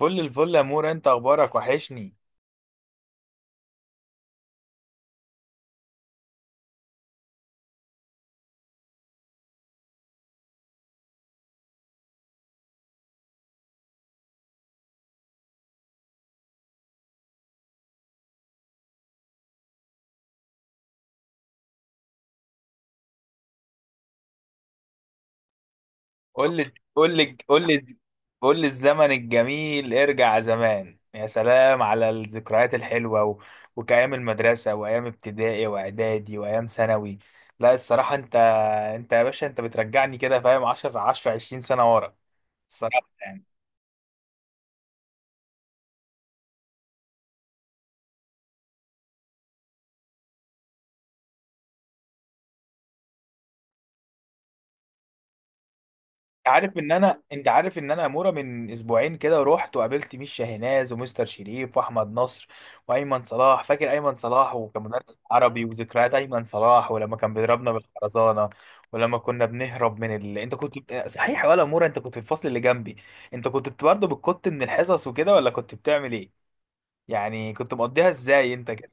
فل الفل يا مور، انت اخبارك وحشني. قول لي قول لي قول لي قول لي الزمن الجميل، ارجع زمان. يا سلام على الذكريات الحلوة وكأيام المدرسة وأيام ابتدائي وإعدادي وأيام ثانوي. لا، الصراحة انت، انت يا باشا بترجعني كده فاهم 10 10 20 سنة ورا، الصراحة يعني. عارف ان انا، اموره، من اسبوعين كده رحت وقابلت ميشا هناز ومستر شريف واحمد نصر وايمن صلاح. فاكر ايمن صلاح؟ وكان مدرس عربي، وذكريات ايمن صلاح ولما كان بيضربنا بالخرزانه. ولما كنا بنهرب من انت كنت صحيح يا ولا اموره؟ انت كنت في الفصل اللي جنبي، انت كنت برضه بتكت من الحصص وكده ولا كنت بتعمل ايه؟ يعني كنت مقضيها ازاي انت كده؟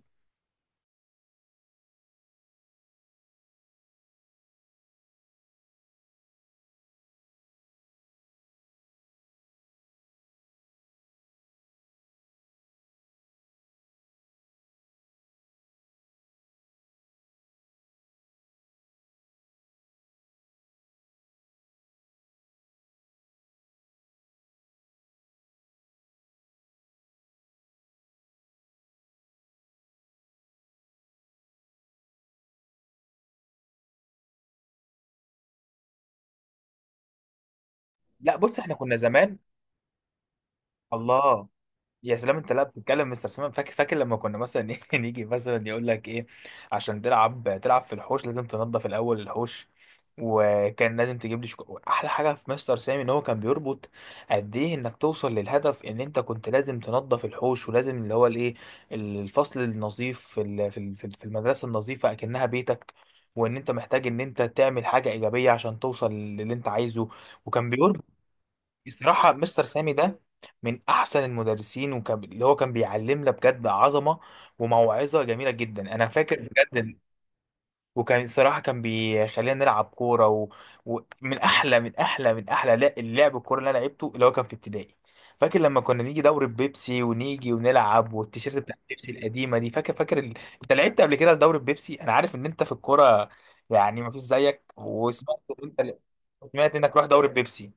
لا بص، احنا كنا زمان، الله. يا سلام، انت لا بتتكلم مستر سيمان، فاكر فاكر لما كنا مثلا ايه، نيجي مثلا يقول لك ايه. عشان تلعب، تلعب في الحوش لازم تنظف الاول الحوش. وكان لازم تجيب لي احلى حاجه في مستر سامي ان هو كان بيربط قد ايه انك توصل للهدف. ان انت كنت لازم تنظف الحوش، ولازم اللي هو الايه، الفصل النظيف في المدرسه النظيفه اكنها بيتك. وان انت محتاج ان انت تعمل حاجه ايجابيه عشان توصل للي انت عايزه، وكان بيربط. بصراحة مستر سامي ده من أحسن المدرسين، وكان اللي هو كان بيعلمنا بجد، عظمة وموعظة جميلة جدا. أنا فاكر بجد وكان الصراحة كان بيخلينا نلعب كورة، ومن و... ومن أحلى من أحلى من أحلى لا اللعب الكورة اللي أنا لعبته اللي هو كان في ابتدائي. فاكر لما كنا نيجي دوري بيبسي ونيجي ونلعب، والتيشيرت بتاع بيبسي القديمة دي، فاكر. أنت لعبت قبل كده لدوري بيبسي؟ أنا عارف إن أنت في الكورة، يعني مفيش زيك، وسمعت إن أنت، سمعت إنك رحت دوري بيبسي.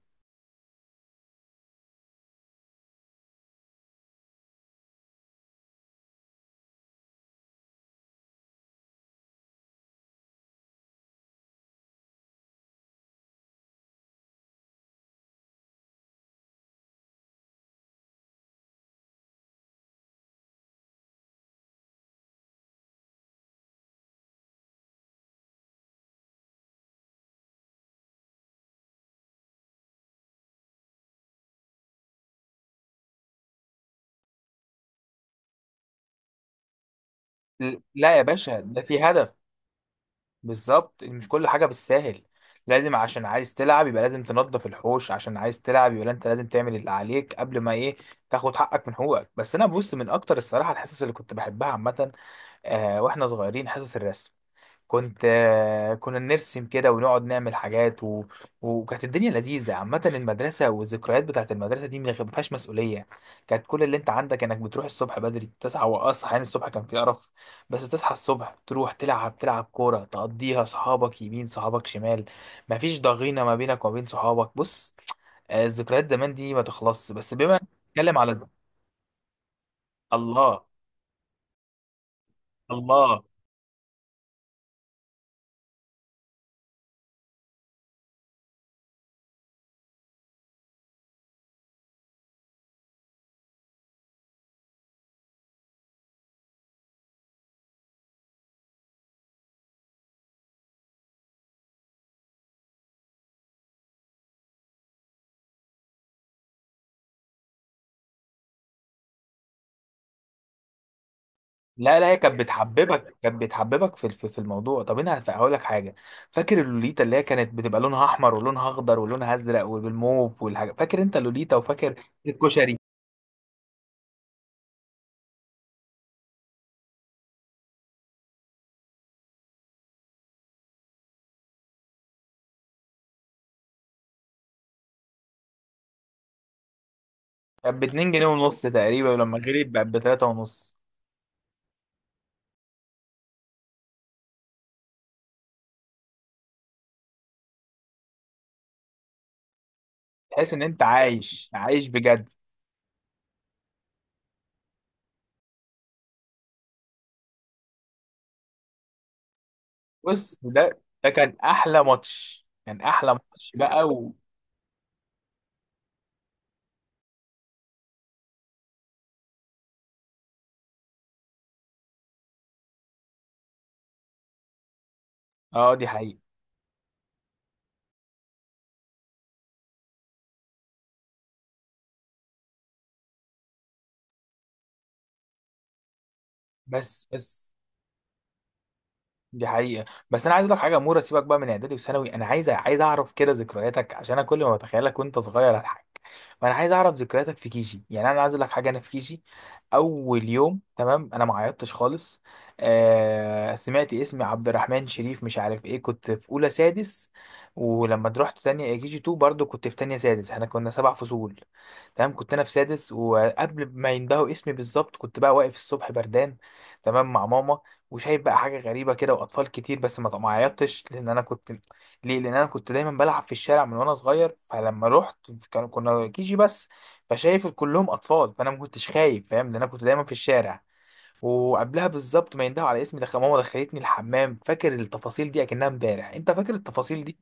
لا يا باشا، ده في هدف بالظبط. مش كل حاجة بالساهل، لازم عشان عايز تلعب يبقى لازم تنظف الحوش، عشان عايز تلعب يبقى انت لازم تعمل اللي عليك قبل ما ايه، تاخد حقك من حقوقك. بس انا بص، من اكتر الصراحة الحصص اللي كنت بحبها عامة، آه، واحنا صغيرين، حصص الرسم. كنت آه، كنا نرسم كده ونقعد نعمل حاجات. وكانت الدنيا لذيذة عامة. المدرسة والذكريات بتاعت المدرسة دي ما فيهاش مسؤولية. كانت كل اللي انت عندك انك بتروح الصبح بدري، تصحى وأصحى. يعني الصبح كان في قرف، بس تصحى الصبح تروح تلعب، تلعب كورة، تقضيها صحابك يمين صحابك شمال. مفيش ضغينة ما بينك وما بين صحابك. بص، آه، الذكريات زمان دي ما تخلصش. بس بما إنك بتتكلم على، الله، الله. لا لا، هي كانت بتحببك، كانت بتحببك في الموضوع. طب انا هقول لك حاجه، فاكر اللوليتا اللي هي كانت بتبقى لونها احمر ولونها اخضر ولونها ازرق والموف والحاجه، فاكر انت اللوليتا؟ وفاكر الكشري؟ كانت ب 2 جنيه ونص تقريبا، ولما غليت بقت ب 3 ونص. تحس ان انت عايش، عايش بجد. بص، ده كان احلى ماتش، كان احلى ماتش بقى اه، دي حقيقه. بس بس، دي حقيقة. بس أنا عايز أقول لك حاجة يا مورا، سيبك بقى من إعدادي وثانوي، أنا عايز عايز أعرف كده ذكرياتك، عشان أنا كل ما بتخيلك وأنت صغير أضحك. فأنا عايز أعرف ذكرياتك في كيجي. يعني أنا عايز أقول لك حاجة، أنا في كيجي، أول يوم تمام، أنا ما عيطتش خالص. آه، سمعت اسمي عبد الرحمن شريف مش عارف إيه، كنت في أولى سادس. ولما رحت تانية كيجي 2، برضه كنت في تانية سادس، إحنا كنا سبع فصول تمام. كنت انا في سادس، وقبل ما يندهوا اسمي بالظبط كنت بقى واقف الصبح بردان تمام مع ماما، وشايف بقى حاجه غريبه كده واطفال كتير. بس ما عيطتش لان انا كنت، ليه؟ لان انا كنت دايما بلعب في الشارع من وانا صغير. فلما رحت، كانوا كنا كيجي بس، فشايف كلهم اطفال، فانا ما كنتش خايف، فاهم؟ لان انا كنت دايما في الشارع. وقبلها بالظبط ما يندهوا على اسمي، دخل ماما دخلتني الحمام، فاكر التفاصيل دي اكنها امبارح. انت فاكر التفاصيل دي؟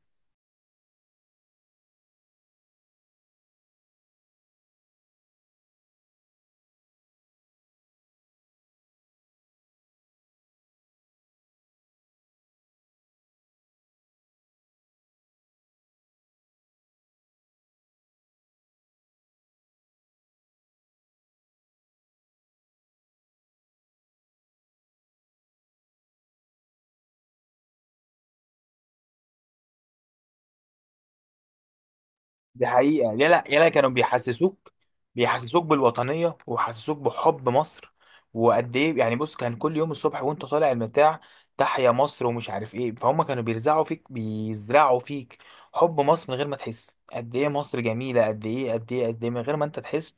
دي حقيقة، يلا يلا كانوا بيحسسوك، بيحسسوك بالوطنية ويحسسوك بحب مصر. وقد ايه يعني، بص كان كل يوم الصبح وانت طالع المتاع، تحيا مصر ومش عارف ايه. فهم كانوا بيرزعوا فيك، بيزرعوا فيك حب مصر من غير ما تحس قد ايه مصر جميلة، قد ايه قد ايه قد ايه من غير ما انت تحس.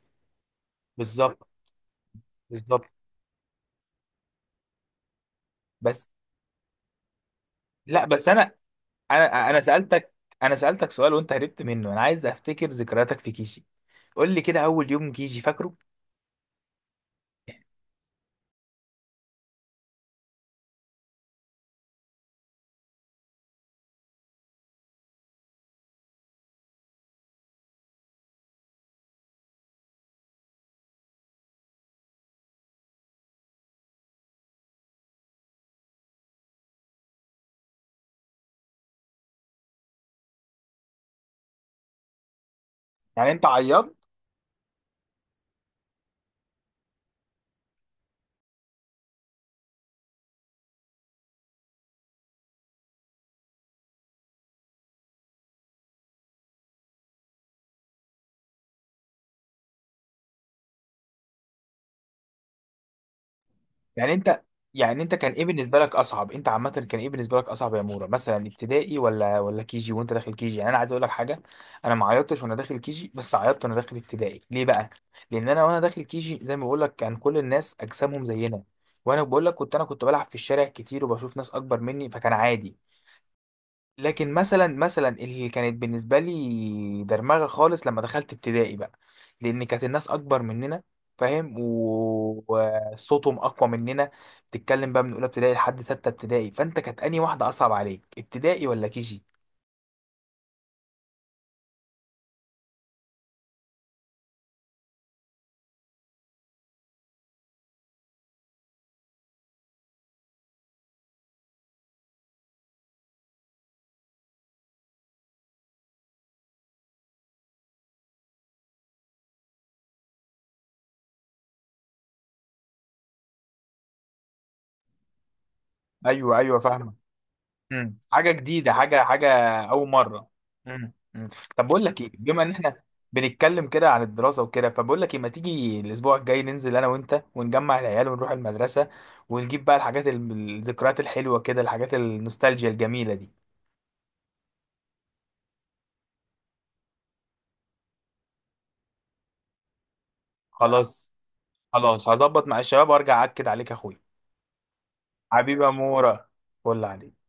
بالظبط، بالظبط. بس، لا بس انا، انا سألتك، انا سألتك سؤال وانت هربت منه. انا عايز افتكر ذكرياتك في كيجي، قول لي كده، اول يوم كيجي فاكره؟ يعني انت عيطت؟ يعني انت يعني انت كان ايه بالنسبه لك اصعب؟ انت عامه كان ايه بالنسبه لك اصعب يا مورا، مثلا ابتدائي ولا كي جي؟ وانت داخل كي جي، يعني انا عايز اقول لك حاجه، انا ما عيطتش وانا داخل كي جي، بس عيطت وانا داخل ابتدائي. ليه بقى؟ لان انا وانا داخل كي جي، زي ما بقول لك، كان كل الناس اجسامهم زينا. وانا بقول لك كنت انا كنت بلعب في الشارع كتير، وبشوف ناس اكبر مني فكان عادي. لكن مثلا مثلا اللي كانت بالنسبه لي درمغه خالص لما دخلت ابتدائي بقى، لان كانت الناس اكبر مننا، فاهم؟ وصوتهم اقوى مننا. بتتكلم بقى من اولى ابتدائي لحد سته ابتدائي. فانت كانت انهي واحده اصعب عليك، ابتدائي ولا كيجي؟ ايوه ايوه فاهمك. مم. حاجه جديده، حاجه، اول مره. مم. مم. طب بقول لك ايه، بما ان احنا بنتكلم كده عن الدراسه وكده، فبقول لك ايه، ما تيجي الاسبوع الجاي ننزل انا وانت ونجمع العيال ونروح المدرسه، ونجيب بقى الحاجات الذكريات الحلوه كده، الحاجات النوستالجيا الجميله دي. خلاص، خلاص هظبط مع الشباب وارجع اكد عليك يا اخويا. حبيبي يا مورا، فل عليك.